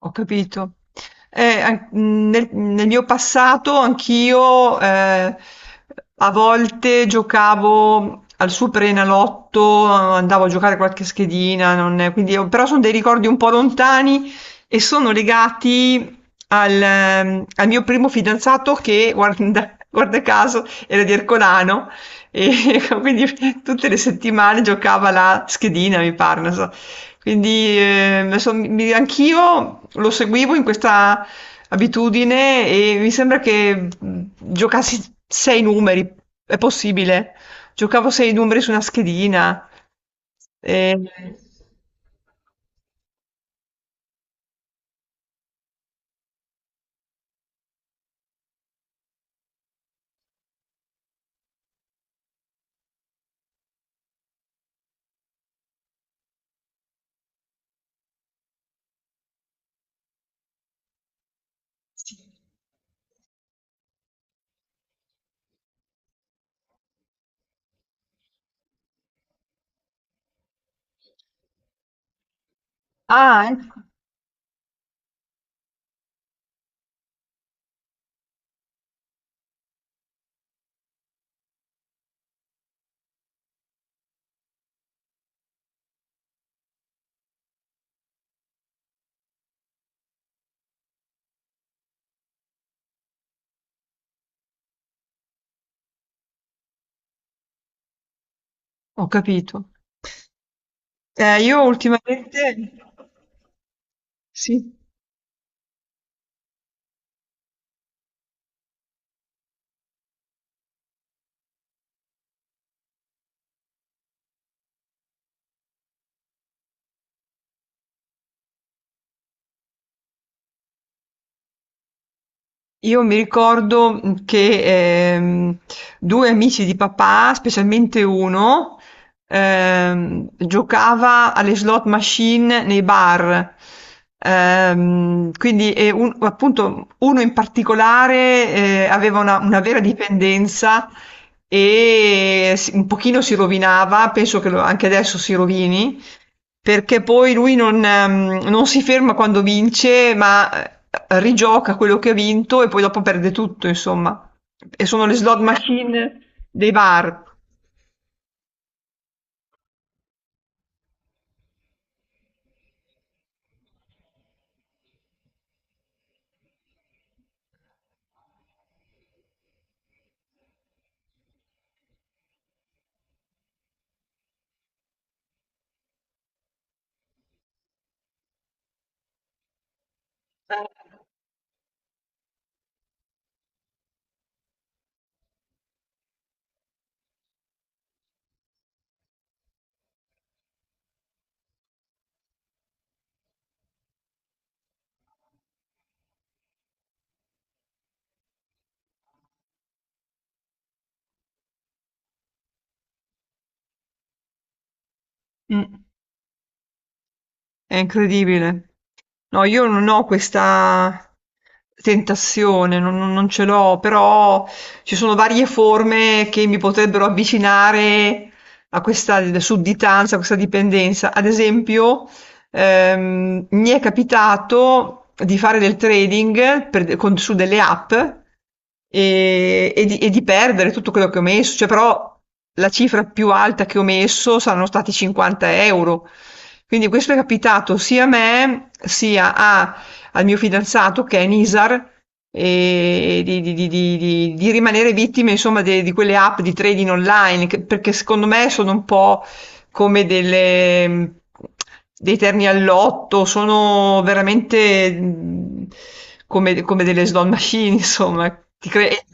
Ho capito. Eh, an- nel mio passato anch'io a volte giocavo al Superenalotto, andavo a giocare qualche schedina, quindi però sono dei ricordi un po' lontani e sono legati al mio primo fidanzato che, guarda, guarda caso, era di Ercolano e quindi tutte le settimane giocava la schedina, mi pare, non so. Quindi anch'io lo seguivo in questa abitudine e mi sembra che giocassi sei numeri, è possibile. Giocavo sei numeri su una schedina. e- Ah, ecco, ho capito. Io ultimamente. Sì. Io mi ricordo che due amici di papà, specialmente uno, giocava alle slot machine nei bar. Quindi, appunto, uno in particolare aveva una vera dipendenza e un pochino si rovinava, penso che anche adesso si rovini. Perché poi lui non si ferma quando vince, ma, rigioca quello che ha vinto e poi dopo perde tutto insomma. E sono le slot machine dei bar. Mh, è incredibile. No, io non ho questa tentazione, non ce l'ho, però ci sono varie forme che mi potrebbero avvicinare a questa d sudditanza, a questa dipendenza. Ad esempio, mi è capitato di fare del trading su delle app e di perdere tutto quello che ho messo, cioè, però la cifra più alta che ho messo saranno stati 50 euro. Quindi questo è capitato sia a me sia al mio fidanzato che è Nisar e di rimanere vittime, insomma, di quelle app di trading online, perché secondo me sono un po' come dei terni all'otto, sono veramente come delle slot machine, insomma. Ti cre-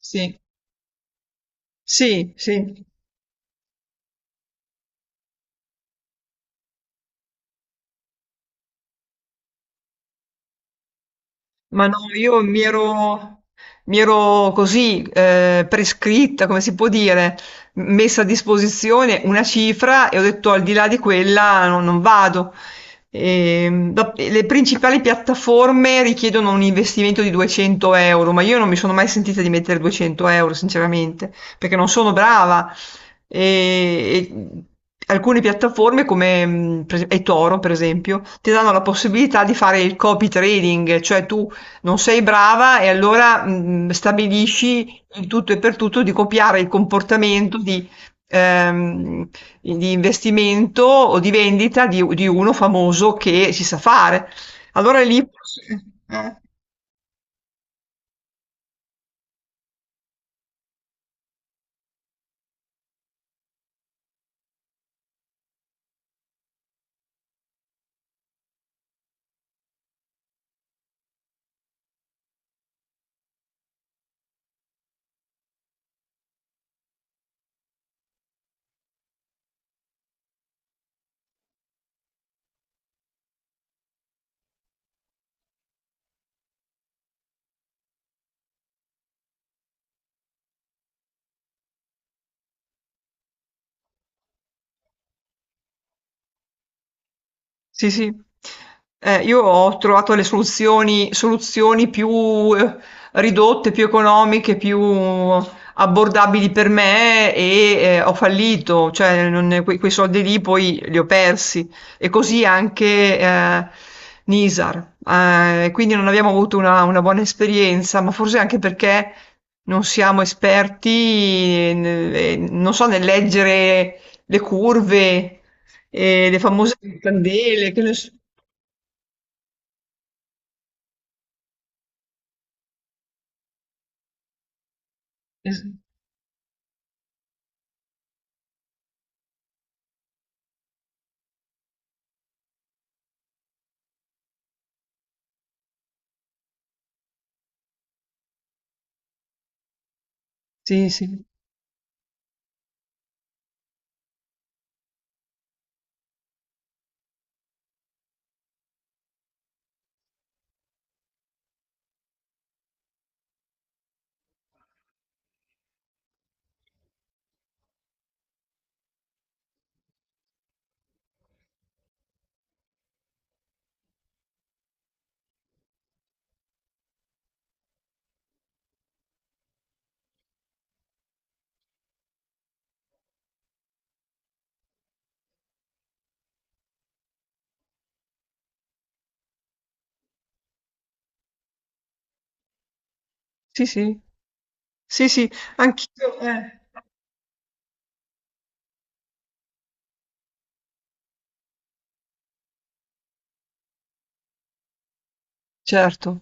sì, sì, sì. Ma no, io mi ero così prescritta, come si può dire, messa a disposizione una cifra e ho detto al di là di quella non vado. Le principali piattaforme richiedono un investimento di 200 euro, ma io non mi sono mai sentita di mettere 200 euro, sinceramente, perché non sono brava. E alcune piattaforme come eToro, per esempio, ti danno la possibilità di fare il copy trading, cioè tu non sei brava e allora stabilisci in tutto e per tutto di copiare il comportamento ehm, di investimento o di vendita di uno famoso che si sa fare. Allora lì. Eh. Sì, sì. Io ho trovato le soluzioni più eh, ridotte, più economiche, più abbordabili per me e ho fallito, cioè quei soldi lì poi li ho persi. E così anche Nisar. Quindi non abbiamo avuto una buona esperienza, ma forse anche perché non siamo esperti, non so, nel leggere le curve e le famose candele, che ne so. Sì, sì, sì, sì, sì, sì, anch'io, certo.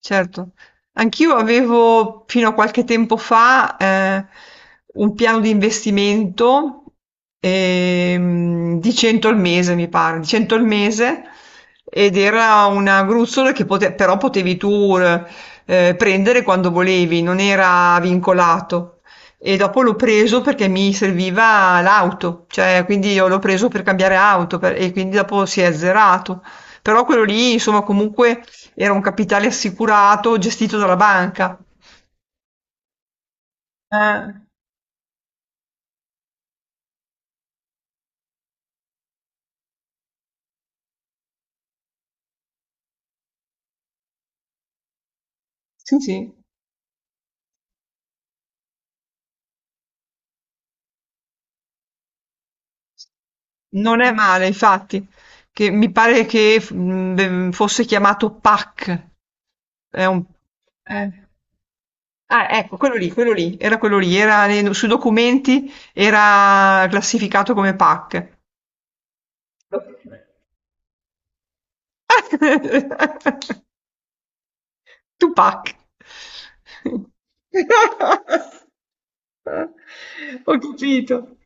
Certo. Anch'io avevo fino a qualche tempo fa un piano di investimento di 100 al mese, mi pare, di 100 al mese ed era una gruzzola che però potevi tu prendere quando volevi, non era vincolato. E dopo l'ho preso perché mi serviva l'auto, cioè quindi io l'ho preso per cambiare auto e quindi dopo si è azzerato. Però quello lì, insomma, comunque era un capitale assicurato gestito dalla banca. Eh, sì, sì, non è male, infatti, che mi pare che fosse chiamato PAC. È un. eh. Ah, ecco, quello lì, era sui documenti era classificato come PAC. Tupac. Ho capito.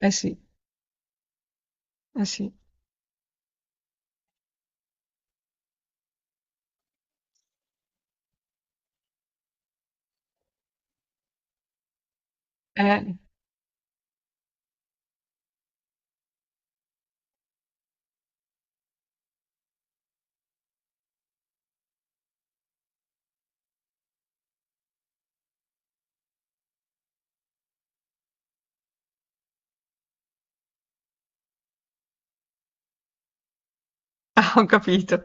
Eh sì, eh sì. Eh. Ah, ho capito.